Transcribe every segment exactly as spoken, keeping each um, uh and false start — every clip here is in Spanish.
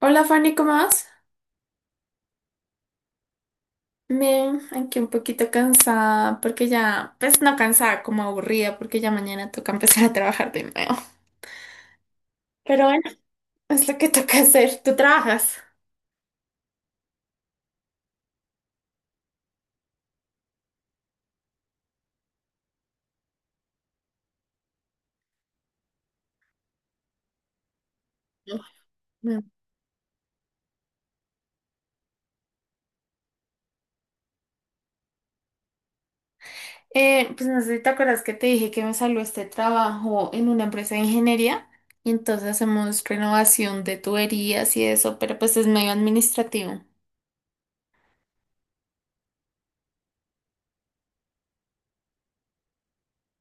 Hola Fanny, ¿cómo vas? Bien, aquí un poquito cansada porque ya, pues no cansada, como aburrida porque ya mañana toca empezar a trabajar de nuevo. Pero bueno, es lo que toca hacer. ¿Tú trabajas? No. Eh, pues no sé si te acuerdas que te dije que me salió este trabajo en una empresa de ingeniería y entonces hacemos renovación de tuberías y eso, pero pues es medio administrativo.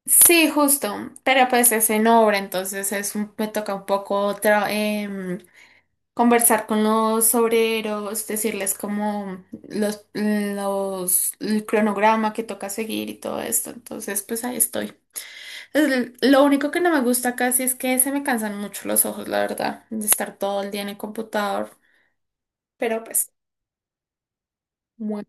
Sí, justo, pero pues es en obra, entonces es un- me toca un poco conversar con los obreros, decirles como los, los, el cronograma que toca seguir y todo esto. Entonces, pues ahí estoy. El- Lo único que no me gusta casi es que se me cansan mucho los ojos, la verdad, de estar todo el día en el computador. Pero pues, bueno.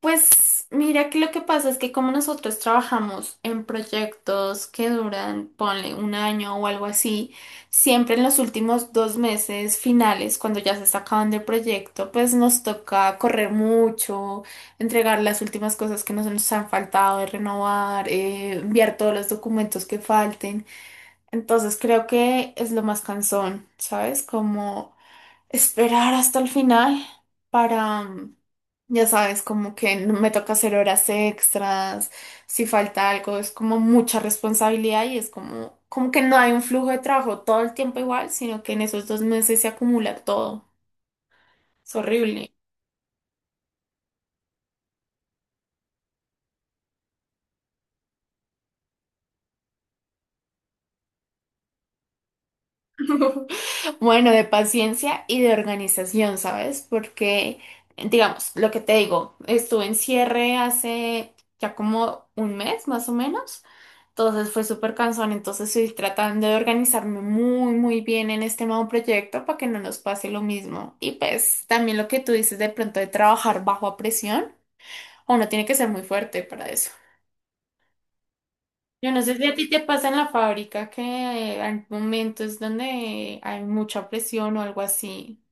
Pues mira que lo que pasa es que como nosotros trabajamos en proyectos que duran, ponle un año o algo así, siempre en los últimos dos meses finales, cuando ya se está acabando el proyecto, pues nos toca correr mucho, entregar las últimas cosas que nos, nos han faltado de renovar, eh, enviar todos los documentos que falten. Entonces creo que es lo más cansón, ¿sabes? Como esperar hasta el final para, mm, ya sabes, como que n- me toca hacer horas extras, si falta algo, es como mucha responsabilidad y es como, como que no hay un flujo de trabajo todo el tiempo igual, sino que en esos dos meses se acumula todo. Es horrible. Bueno, de paciencia y de organización, ¿sabes? Porque, digamos, lo que te digo, estuve en cierre hace ya como un mes más o menos. Entonces fue súper cansón, entonces estoy tratando de organizarme muy, muy bien en este nuevo proyecto para que no nos pase lo mismo. Y pues también lo que tú dices de pronto de trabajar bajo presión, uno tiene que ser muy fuerte para eso. Yo no sé si a ti te pasa en la fábrica que hay momentos donde hay mucha presión o algo así.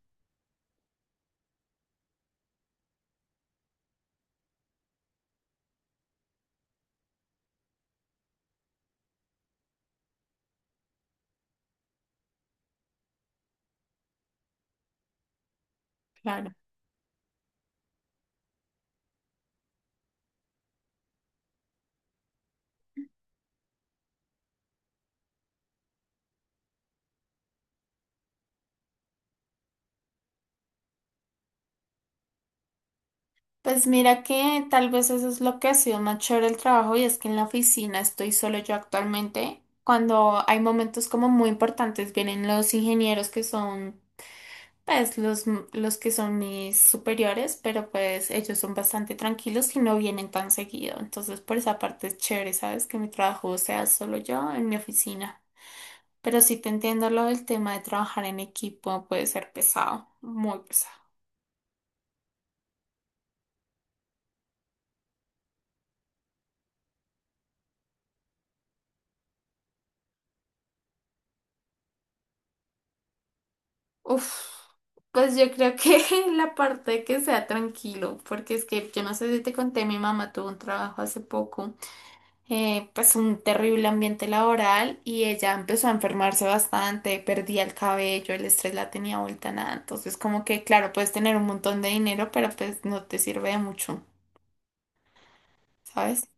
Claro. Pues mira que tal vez eso es lo que ha sido más chévere el trabajo y es que en la oficina estoy solo yo actualmente. Cuando hay momentos como muy importantes vienen los ingenieros que son pues los, m- los que son mis superiores, pero pues ellos son bastante tranquilos y no vienen tan seguido. Entonces por esa parte es chévere, ¿sabes? Que mi trabajo sea solo yo en mi oficina. Pero sí te entiendo lo del tema de trabajar en equipo, puede ser pesado, muy pesado. Uf, pues yo creo que la parte de que sea tranquilo, porque es que yo no sé si te conté, mi mamá tuvo un trabajo hace poco, eh, pues un terrible ambiente laboral y ella empezó a enfermarse bastante, perdía el cabello, el estrés la tenía vuelta a nada, entonces como que claro, puedes tener un montón de dinero, pero pues no te sirve de mucho, ¿sabes?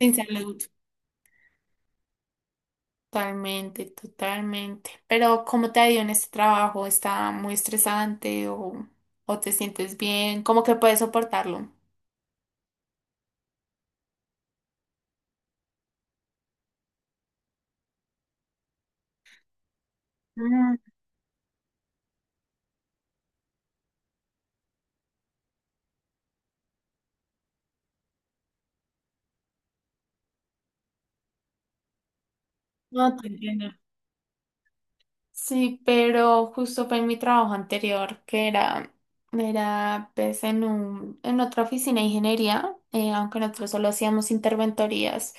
Sin salud. Totalmente, totalmente. Pero ¿cómo te ha ido en este trabajo? ¿Está muy estresante o, o te sientes bien? ¿Cómo que puedes soportarlo? Mm. No te entiendo. Sí, pero justo fue en mi trabajo anterior, que era, era pues en un, en otra oficina de ingeniería, eh, aunque nosotros solo hacíamos interventorías,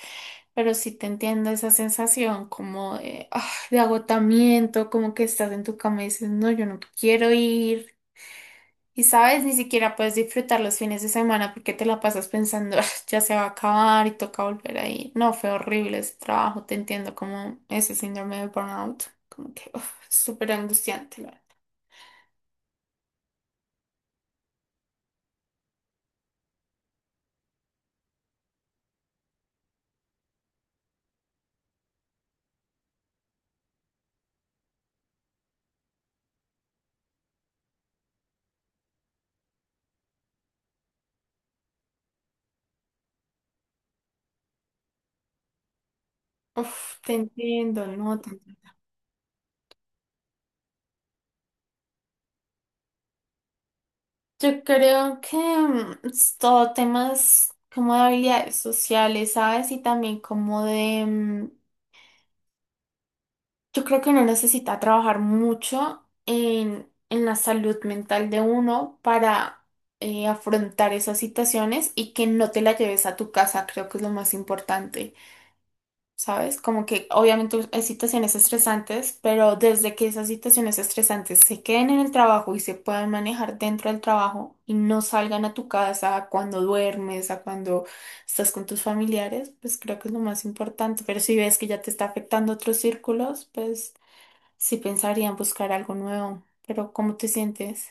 pero sí te entiendo esa sensación como de, ah, de agotamiento, como que estás en tu cama y dices, no, yo no quiero ir. Y sabes, ni siquiera puedes disfrutar los fines de semana porque te la pasas pensando, "Ah, ya se va a acabar y toca volver ahí". No, fue horrible ese trabajo, te entiendo como ese síndrome de burnout, como que uf, es súper angustiante, la verdad. Uf, te entiendo, no, te entiendo. Yo creo que mm, es todo temas como de habilidades sociales, ¿sabes? Y también como de, mm, yo creo que uno necesita trabajar mucho en, en la salud mental de uno para eh, afrontar esas situaciones y que no te la lleves a tu casa, creo que es lo más importante, ¿sabes? Como que obviamente hay situaciones estresantes, pero desde que esas situaciones estresantes se queden en el trabajo y se puedan manejar dentro del trabajo y no salgan a tu casa a cuando duermes, a cuando estás con tus familiares, pues creo que es lo más importante. Pero si ves que ya te está afectando otros círculos, pues... Sí pensaría en buscar algo nuevo, pero ¿cómo te sientes?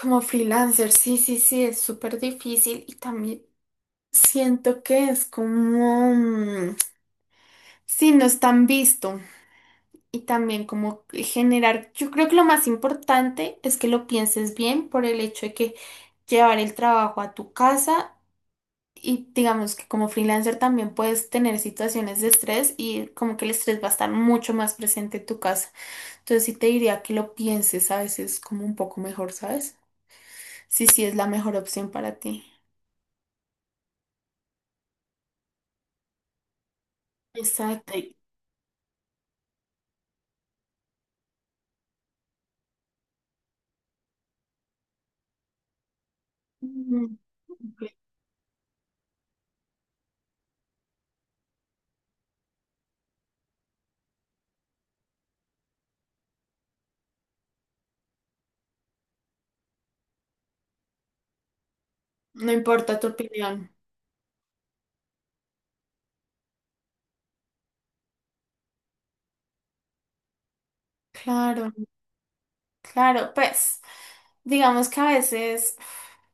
Como freelancer, sí, sí, sí, es súper difícil y también siento que es como, mm, sí, no es tan visto y también como generar, yo creo que lo más importante es que lo pienses bien por el hecho de que llevar el trabajo a tu casa y digamos que como freelancer también puedes tener situaciones de estrés y como que el estrés va a estar mucho más presente en tu casa. Entonces sí te diría que lo pienses a veces como un poco mejor, ¿sabes? Sí, sí es la mejor opción para ti. Exacto. y- Mm, ok. No importa tu opinión. Claro, claro. Pues digamos que a veces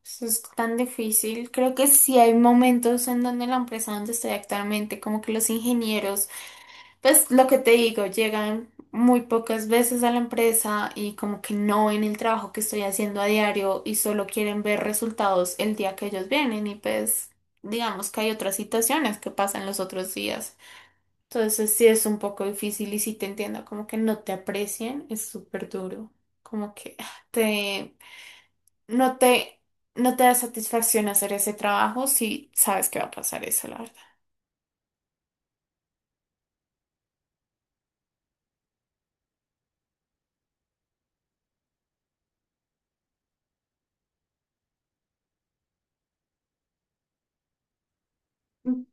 eso es tan difícil. Creo que sí hay momentos en donde la empresa donde estoy actualmente, como que los ingenieros pues lo que te digo, llegan muy pocas veces a la empresa y como que no ven el trabajo que estoy haciendo a diario y solo quieren ver resultados el día que ellos vienen y pues digamos que hay otras situaciones que pasan los otros días. Entonces sí es un poco difícil y sí te entiendo, como que no te aprecien, es súper duro, como que ah, te, no te, no te da satisfacción hacer ese trabajo si sabes que va a pasar eso, la verdad.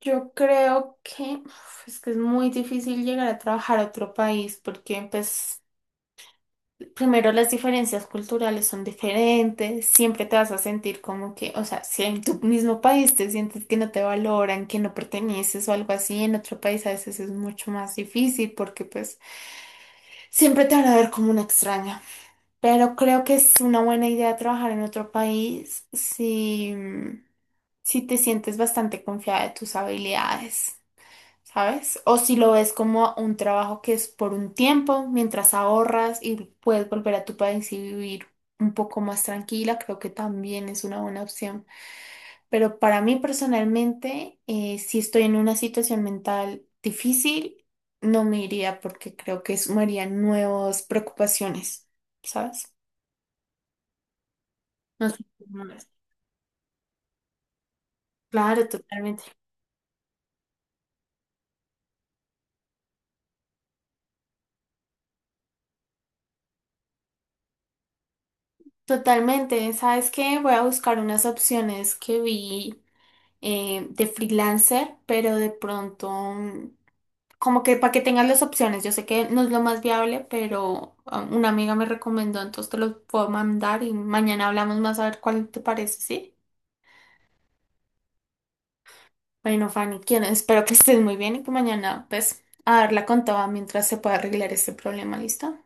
Yo creo que uf, es que es muy difícil llegar a trabajar a otro país porque, pues, primero las diferencias culturales son diferentes, siempre te vas a sentir como que, o sea, si en tu mismo país te sientes que no te valoran, que no perteneces o algo así, en otro país a veces es mucho más difícil porque, pues, siempre te van a ver como una extraña. Pero creo que es una buena idea trabajar en otro país si, si te sientes bastante confiada de tus habilidades. ¿Sabes? O si lo ves como un trabajo que es por un tiempo, mientras ahorras y puedes volver a tu país y vivir un poco más tranquila, creo que también es una buena opción. Pero para mí personalmente, eh, si estoy en una situación mental difícil, no me iría porque creo que sumaría nuevas preocupaciones, ¿sabes? No sé cómo ves. Claro, totalmente. Totalmente. ¿Sabes qué? Voy a buscar unas opciones que vi eh, de freelancer, pero de pronto, mm, como que para que tengas las opciones, yo sé que no es lo más viable, pero ah, una amiga me recomendó, entonces te los puedo mandar y mañana hablamos más a ver cuál te parece, ¿sí? Bueno, Fanny, quiero, espero que estés muy bien y que mañana, pues, a darla con toda mientras se pueda arreglar este problema, ¿listo?